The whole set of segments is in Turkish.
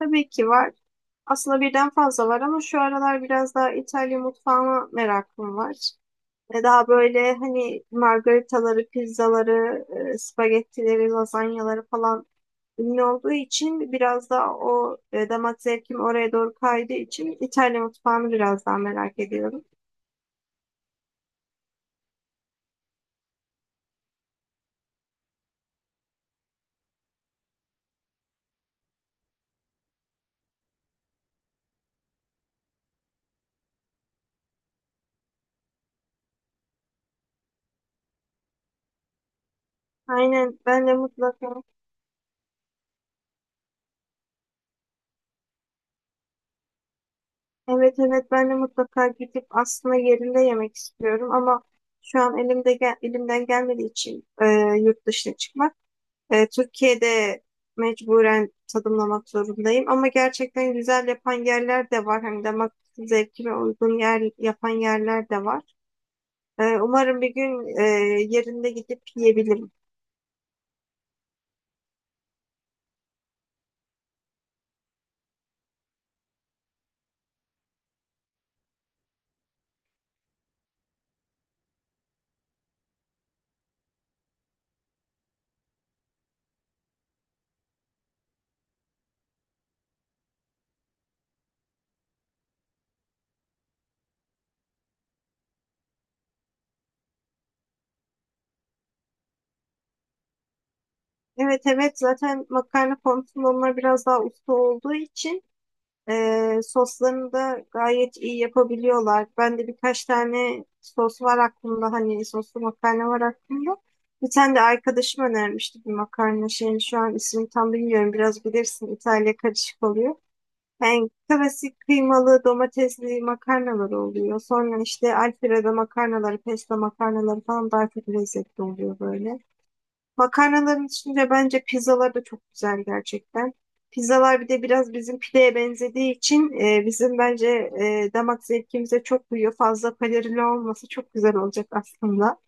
Tabii ki var. Aslında birden fazla var ama şu aralar biraz daha İtalya mutfağına merakım var. Ve daha böyle hani margaritaları, pizzaları, spagettileri, lazanyaları falan ünlü olduğu için biraz daha o damak zevkim oraya doğru kaydığı için İtalya mutfağını biraz daha merak ediyorum. Aynen, ben de mutlaka evet, evet, ben de mutlaka gidip aslında yerinde yemek istiyorum ama şu an elimde elimden gelmediği için yurt dışına çıkmak. Türkiye'de mecburen tadımlamak zorundayım ama gerçekten güzel yapan yerler de var. Hem damak zevkime uygun yer yapan yerler de var. Umarım bir gün yerinde gidip yiyebilirim. Evet, evet, zaten makarna konusunda onlar biraz daha usta olduğu için soslarını da gayet iyi yapabiliyorlar. Ben de birkaç tane sos var aklımda. Hani soslu makarna var aklımda. Bir tane de arkadaşım önermişti bir makarna şeyini. Şu an ismini tam bilmiyorum. Biraz bilirsin, İtalya karışık oluyor. Yani klasik kıymalı domatesli makarnalar oluyor. Sonra işte alfredo makarnaları, pesto makarnaları falan daha çok lezzetli oluyor böyle. Makarnaların içinde bence pizzalar da çok güzel gerçekten. Pizzalar bir de biraz bizim pideye benzediği için bizim bence damak zevkimize çok uyuyor. Fazla kalorili olması çok güzel olacak aslında.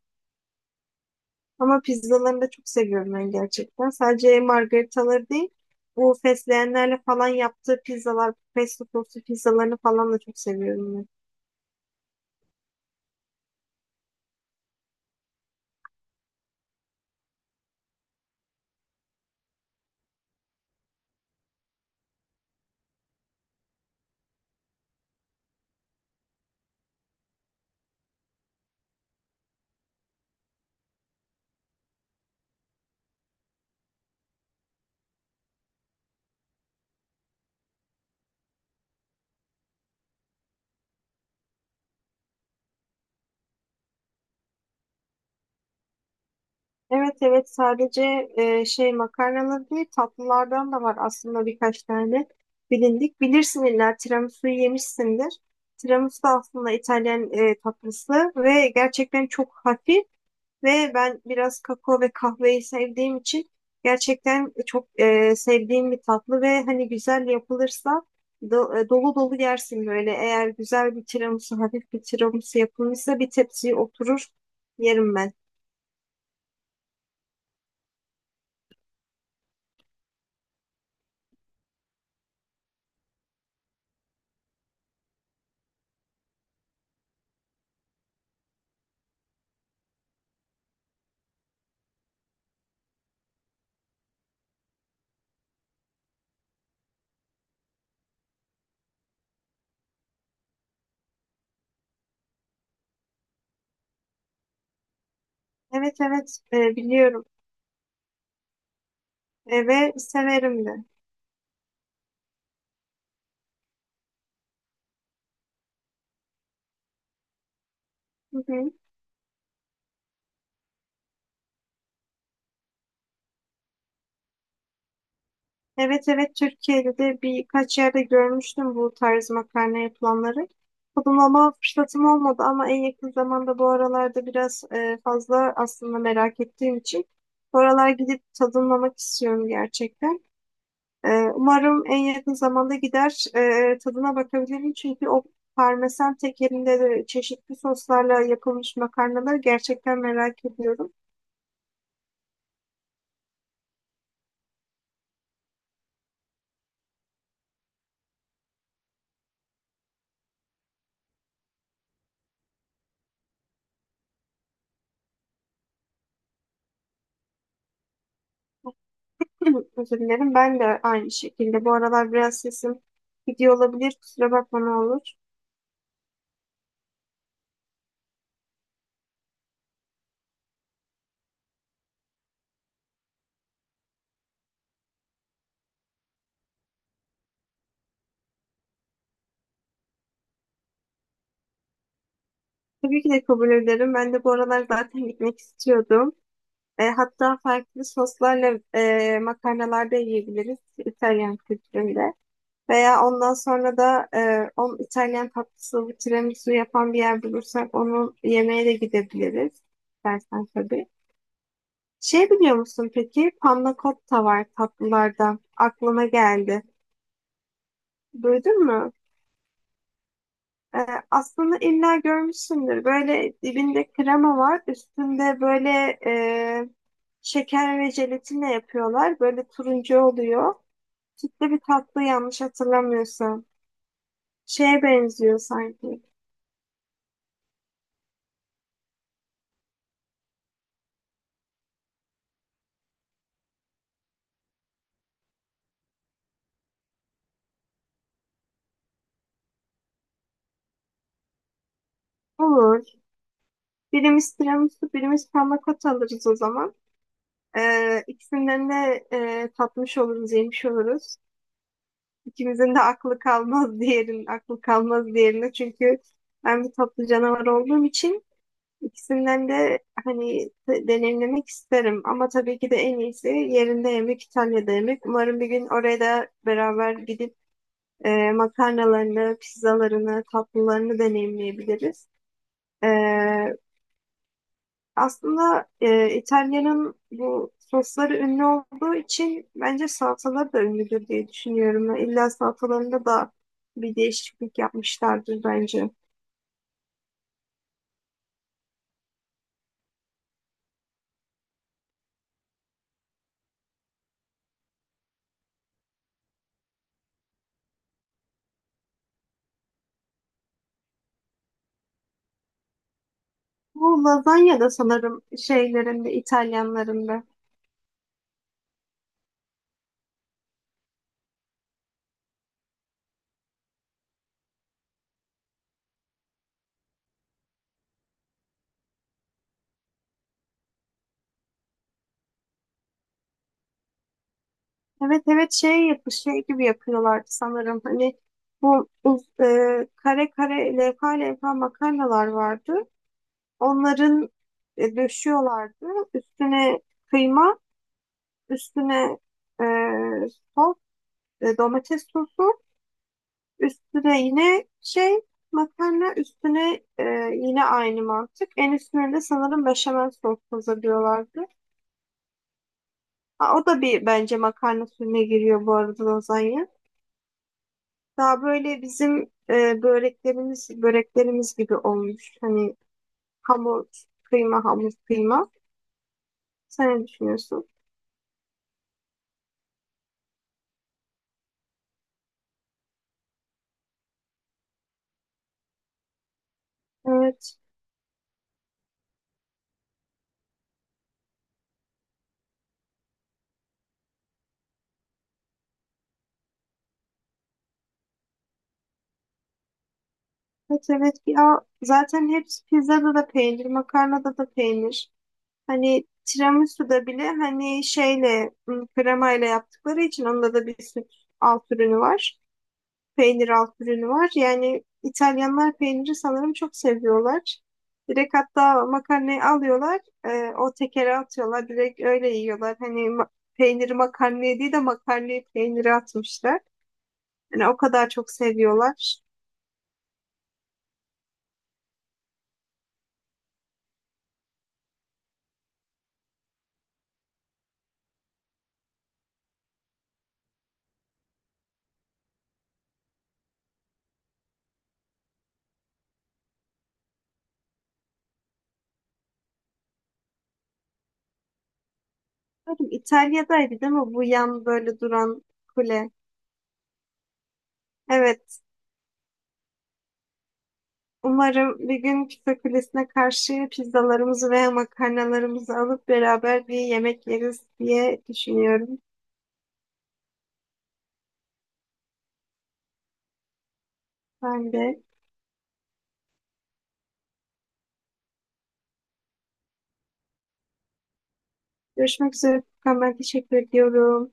Ama pizzalarını da çok seviyorum ben gerçekten. Sadece margaritaları değil, bu fesleğenlerle falan yaptığı pizzalar, pesto soslu pizzalarını falan da çok seviyorum. Evet, evet, sadece şey makarnalar değil, tatlılardan da var aslında birkaç tane bilindik. Bilirsin, illa tiramisu'yu yemişsindir. Tiramisu da aslında İtalyan tatlısı ve gerçekten çok hafif. Ve ben biraz kakao ve kahveyi sevdiğim için gerçekten çok sevdiğim bir tatlı ve hani güzel yapılırsa dolu dolu yersin böyle. Eğer güzel bir tiramisu, hafif bir tiramisu yapılmışsa bir tepsiye oturur yerim ben. Evet, evet, biliyorum. Ve severim de. Hı hı. Evet, evet, Türkiye'de de birkaç yerde görmüştüm bu tarz makarna yapılanları. Tadımlama fırsatım olmadı ama en yakın zamanda, bu aralarda biraz fazla aslında merak ettiğim için bu aralar gidip tadımlamak istiyorum gerçekten. E, Umarım en yakın zamanda gider tadına bakabilirim, çünkü o parmesan tekerinde de çeşitli soslarla yapılmış makarnaları gerçekten merak ediyorum. Özür dilerim. Ben de aynı şekilde. Bu aralar biraz sesim gidiyor olabilir. Kusura bakma ne olur. Tabii ki de kabul ederim. Ben de bu aralar zaten gitmek istiyordum. Hatta farklı soslarla makarnalar da yiyebiliriz İtalyan kültüründe. Veya ondan sonra da on İtalyan tatlısı, tiramisu yapan bir yer bulursak onu yemeğe de gidebiliriz. İstersen tabii. Şey, biliyor musun peki? Panna cotta var tatlılardan. Aklıma geldi. Duydun mu? Ee, Aslında illa görmüşsündür. Böyle dibinde krema var. Üstünde böyle e, şeker ve jelatinle yapıyorlar. Böyle turuncu oluyor. Sütlü bir tatlı yanlış hatırlamıyorsam. Şeye benziyor sanki. Olur. Birimiz tiramisu, birimiz panna cotta alırız o zaman. İkisinden de tatmış oluruz, yemiş oluruz. İkimizin de aklı kalmaz diğerinin, aklı kalmaz diğerine. Çünkü ben bir tatlı canavar olduğum için İkisinden de hani deneyimlemek isterim ama tabii ki de en iyisi yerinde yemek, İtalya'da yemek. Umarım bir gün oraya da beraber gidip makarnalarını, pizzalarını, tatlılarını deneyimleyebiliriz. E, Aslında İtalya'nın bu sosları ünlü olduğu için bence salatalar da ünlüdür diye düşünüyorum. İlla salatalarında da bir değişiklik yapmışlardır bence. Bu lazanya da sanırım şeylerinde, İtalyanlarında. Evet, evet, şey yapı şey gibi yapıyorlardı sanırım. Hani kare kare, levha levha makarnalar vardı. Onların döşüyorlardı. Üstüne kıyma, üstüne e, sos, domates sosu, üstüne yine şey makarna, üstüne yine aynı mantık. En üstüne de sanırım beşamel sos hazırlıyorlardı. Ha, o da bence makarna suyuna giriyor bu arada lazanya. Daha böyle bizim böreklerimiz gibi olmuş. Hani hamur, kıyma, hamur, kıyma. Sen ne düşünüyorsun? Evet, evet, evet. Ya zaten hepsi pizzada da peynir, makarnada da peynir. Hani tiramisu'da bile hani kremayla yaptıkları için onda da bir süt alt ürünü var, peynir alt ürünü var. Yani İtalyanlar peyniri sanırım çok seviyorlar. Direkt hatta makarnayı alıyorlar, o tekere atıyorlar, direkt öyle yiyorlar. Hani peyniri makarnaya değil de makarnayı peynire atmışlar. Yani o kadar çok seviyorlar. Umarım İtalya'daydı değil mi bu yan böyle duran kule? Evet, umarım bir gün pizza kulesine karşı pizzalarımızı veya makarnalarımızı alıp beraber bir yemek yeriz diye düşünüyorum ben de. Görüşmek üzere Furkan. Ben teşekkür ediyorum.